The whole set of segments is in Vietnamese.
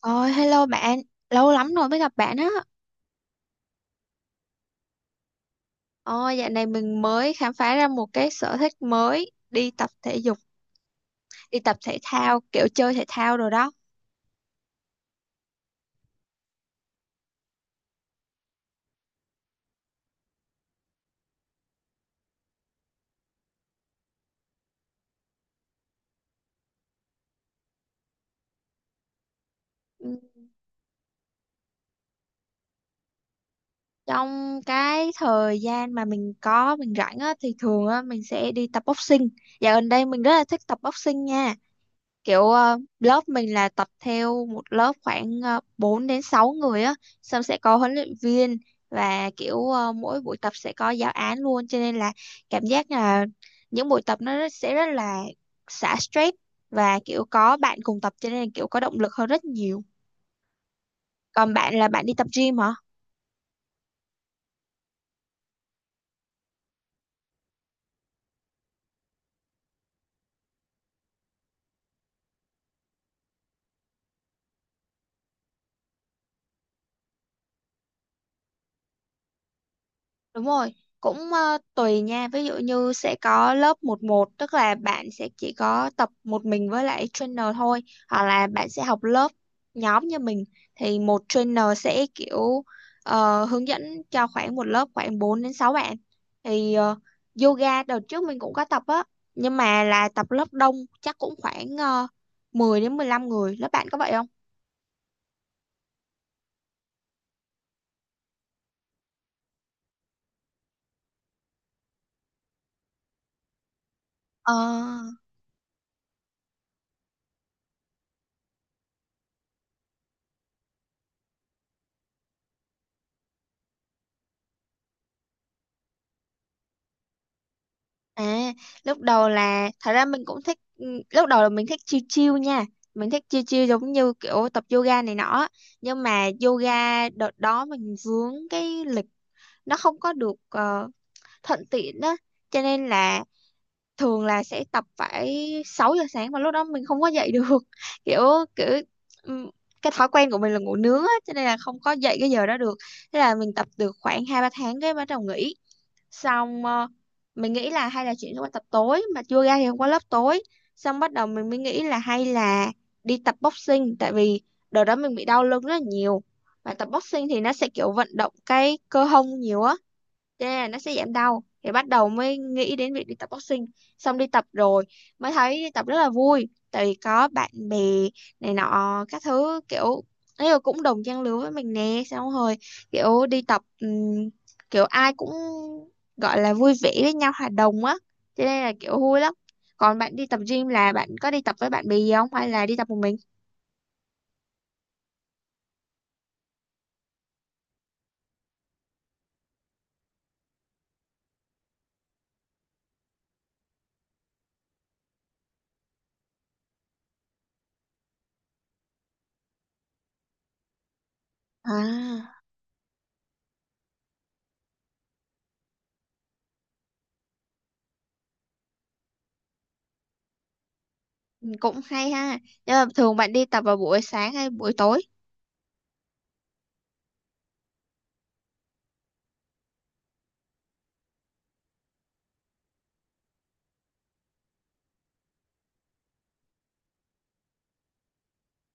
Ôi, hello bạn, lâu lắm rồi mới gặp bạn á. Ôi, dạo này mình mới khám phá ra một cái sở thích mới, đi tập thể dục, đi tập thể thao, kiểu chơi thể thao rồi đó. Ừ. Trong cái thời gian mà mình có, mình rảnh á, thì thường á, mình sẽ đi tập boxing. Dạo gần đây mình rất là thích tập boxing nha. Kiểu lớp mình là tập theo một lớp khoảng 4 đến 6 người á, xong sẽ có huấn luyện viên và kiểu mỗi buổi tập sẽ có giáo án luôn, cho nên là cảm giác là những buổi tập nó sẽ rất là xả stress, và kiểu có bạn cùng tập cho nên là kiểu có động lực hơn rất nhiều. Còn bạn là bạn đi tập gym hả? Đúng rồi, cũng tùy nha. Ví dụ như sẽ có lớp một một, tức là bạn sẽ chỉ có tập một mình với lại trainer thôi, hoặc là bạn sẽ học lớp nhóm như mình, thì một trainer sẽ kiểu hướng dẫn cho khoảng một lớp khoảng 4 đến 6 bạn. Thì yoga đợt trước mình cũng có tập á, nhưng mà là tập lớp đông, chắc cũng khoảng uh, 10 đến 15 người. Lớp bạn có vậy không? Ờ. À, lúc đầu là thật ra mình cũng thích lúc đầu là mình thích chill chill nha. Mình thích chill chill giống như kiểu tập yoga này nọ. Nhưng mà yoga đợt đó mình vướng cái lịch, nó không có được thuận tiện á. Cho nên là thường là sẽ tập phải 6 giờ sáng mà lúc đó mình không có dậy được. Kiểu kiểu ừm, cái thói quen của mình là ngủ nướng á cho nên là không có dậy cái giờ đó được. Thế là mình tập được khoảng 2 3 tháng cái bắt đầu nghỉ. Xong mình nghĩ là hay là chuyển sang tập tối, mà chưa ra thì không có lớp tối. Xong bắt đầu mình mới nghĩ là hay là đi tập boxing, tại vì đợt đó mình bị đau lưng rất là nhiều, và tập boxing thì nó sẽ kiểu vận động cái cơ hông nhiều á, yeah, nó sẽ giảm đau. Thì bắt đầu mới nghĩ đến việc đi tập boxing. Xong đi tập rồi mới thấy đi tập rất là vui, tại vì có bạn bè này nọ các thứ, kiểu ấy là cũng đồng trang lứa với mình nè. Xong rồi kiểu đi tập, kiểu ai cũng gọi là vui vẻ với nhau, hòa đồng á, cho nên là kiểu vui lắm. Còn bạn đi tập gym là bạn có đi tập với bạn bè gì không, hay là đi tập một mình? À, cũng hay ha. Nhưng mà thường bạn đi tập vào buổi sáng hay buổi tối?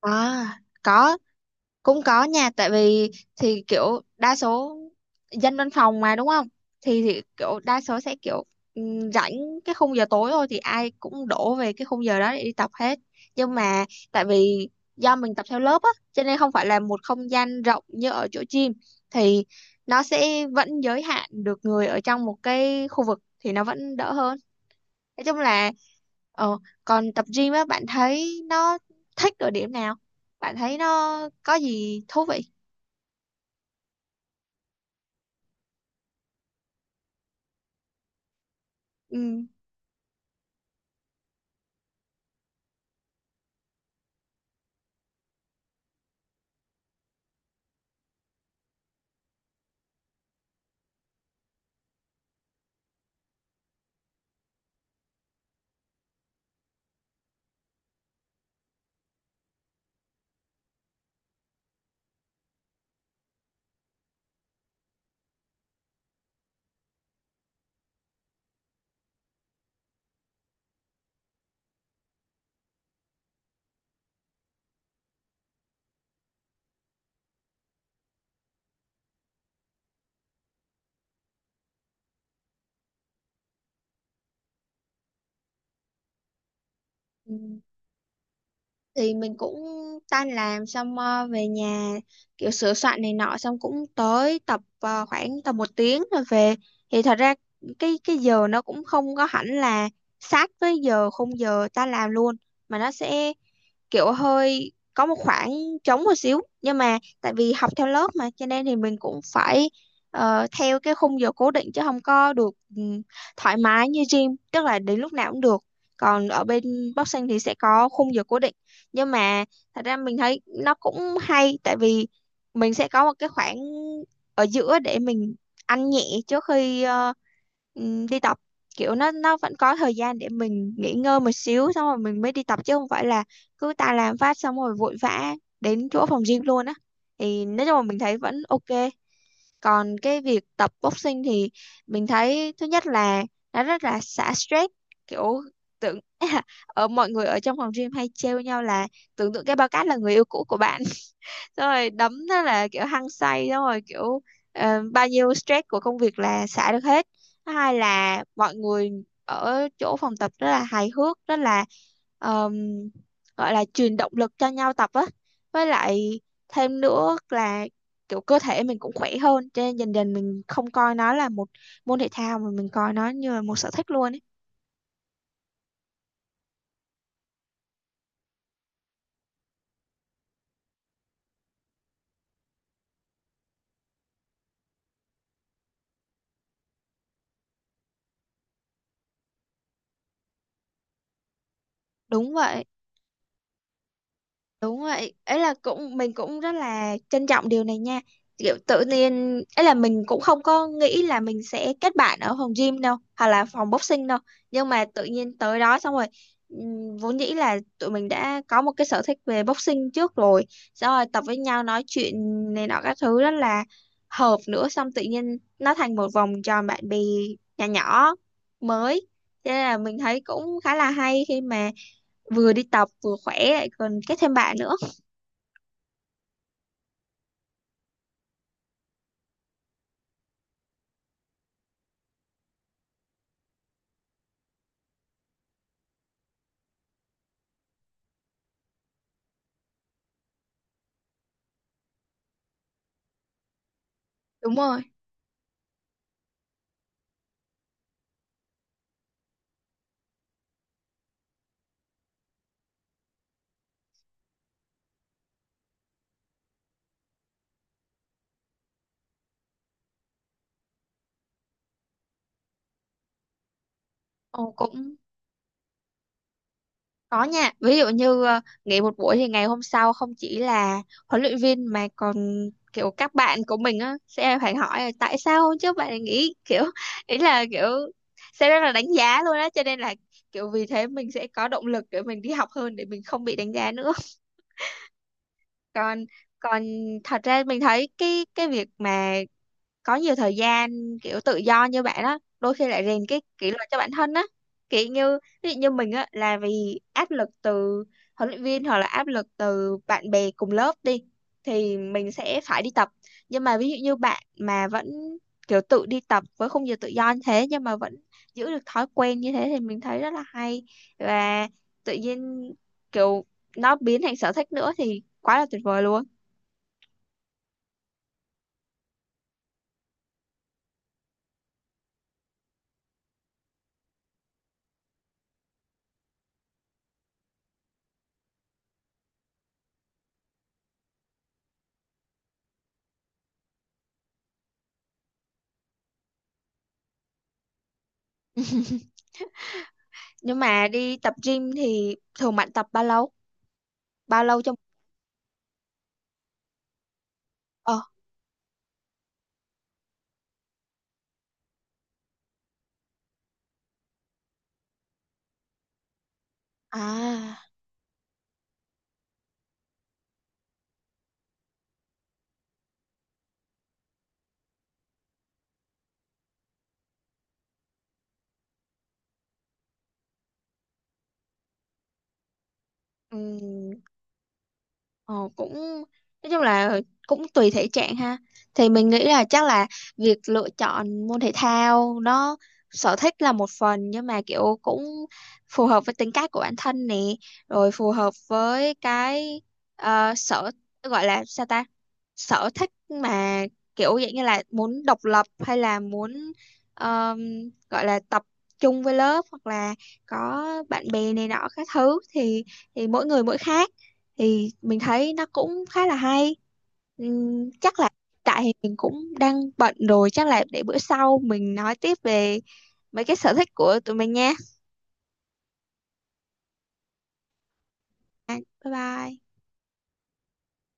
À, có, cũng có nha. Tại vì thì kiểu đa số dân văn phòng mà đúng không, thì kiểu đa số sẽ kiểu rảnh cái khung giờ tối thôi, thì ai cũng đổ về cái khung giờ đó để đi tập hết. Nhưng mà, tại vì do mình tập theo lớp á cho nên không phải là một không gian rộng như ở chỗ gym, thì nó sẽ vẫn giới hạn được người ở trong một cái khu vực, thì nó vẫn đỡ hơn. Nói chung là ờ, còn tập gym á, bạn thấy nó thích ở điểm nào, bạn thấy nó có gì thú vị? Ừ. Ừ. Thì mình cũng tan làm xong về nhà, kiểu sửa soạn này nọ, xong cũng tới tập khoảng tầm một tiếng rồi về. Thì thật ra cái giờ nó cũng không có hẳn là sát với giờ khung giờ ta làm luôn, mà nó sẽ kiểu hơi có một khoảng trống một xíu. Nhưng mà tại vì học theo lớp mà cho nên thì mình cũng phải theo cái khung giờ cố định, chứ không có được ừm, thoải mái như gym, tức là đến lúc nào cũng được. Còn ở bên boxing thì sẽ có khung giờ cố định, nhưng mà thật ra mình thấy nó cũng hay, tại vì mình sẽ có một cái khoảng ở giữa để mình ăn nhẹ trước khi đi tập, kiểu nó vẫn có thời gian để mình nghỉ ngơi một xíu, xong rồi mình mới đi tập, chứ không phải là cứ ta làm phát xong rồi vội vã đến chỗ phòng gym luôn á. Thì nói chung là mình thấy vẫn ok. Còn cái việc tập boxing thì mình thấy thứ nhất là nó rất là xả stress, kiểu tưởng ở mọi người ở trong phòng gym hay trêu nhau là tưởng tượng cái bao cát là người yêu cũ của bạn, xong rồi đấm, thế là kiểu hăng say. Xong rồi kiểu bao nhiêu stress của công việc là xả được hết. Thứ hai là mọi người ở chỗ phòng tập rất là hài hước, rất là ờm, gọi là truyền động lực cho nhau tập á. Với lại thêm nữa là kiểu cơ thể mình cũng khỏe hơn, cho nên dần dần mình không coi nó là một môn thể thao mà mình coi nó như là một sở thích luôn ấy. Đúng vậy. Đúng vậy, ấy là cũng mình cũng rất là trân trọng điều này nha. Kiểu tự nhiên ấy là mình cũng không có nghĩ là mình sẽ kết bạn ở phòng gym đâu, hoặc là phòng boxing đâu. Nhưng mà tự nhiên tới đó xong rồi vốn dĩ là tụi mình đã có một cái sở thích về boxing trước rồi. Xong rồi tập với nhau, nói chuyện này nọ các thứ rất là hợp nữa, xong tự nhiên nó thành một vòng tròn bạn bè nhỏ nhỏ mới. Thế là mình thấy cũng khá là hay khi mà vừa đi tập vừa khỏe lại còn kết thêm bạn nữa. Đúng rồi. Ồ, cũng có nha. Ví dụ như nghỉ một buổi thì ngày hôm sau không chỉ là huấn luyện viên mà còn kiểu các bạn của mình á sẽ phải hỏi là tại sao hôm trước bạn lại nghỉ, kiểu ý là kiểu sẽ rất là đánh giá luôn á, cho nên là kiểu vì thế mình sẽ có động lực để mình đi học hơn, để mình không bị đánh giá nữa. Còn còn thật ra mình thấy cái việc mà có nhiều thời gian kiểu tự do như bạn á, đôi khi lại rèn cái kỷ luật cho bản thân á, kiểu như ví dụ như mình á là vì áp lực từ huấn luyện viên hoặc là áp lực từ bạn bè cùng lớp đi, thì mình sẽ phải đi tập. Nhưng mà ví dụ như bạn mà vẫn kiểu tự đi tập với khung giờ tự do như thế nhưng mà vẫn giữ được thói quen như thế, thì mình thấy rất là hay, và tự nhiên kiểu nó biến thành sở thích nữa thì quá là tuyệt vời luôn. Nhưng mà đi tập gym thì thường bạn tập Bao lâu cho ờ à ừm, ờ, cũng nói chung là cũng tùy thể trạng ha. Thì mình nghĩ là chắc là việc lựa chọn môn thể thao nó, sở thích là một phần, nhưng mà kiểu cũng phù hợp với tính cách của bản thân nè, rồi phù hợp với cái ờ, sở gọi là sao ta, sở thích mà, kiểu dạng như là muốn độc lập hay là muốn ờm, gọi là tập trung với lớp hoặc là có bạn bè này nọ các thứ, thì mỗi người mỗi khác, thì mình thấy nó cũng khá là hay. Chắc là tại thì mình cũng đang bận rồi, chắc là để bữa sau mình nói tiếp về mấy cái sở thích của tụi mình nha. Bye bye.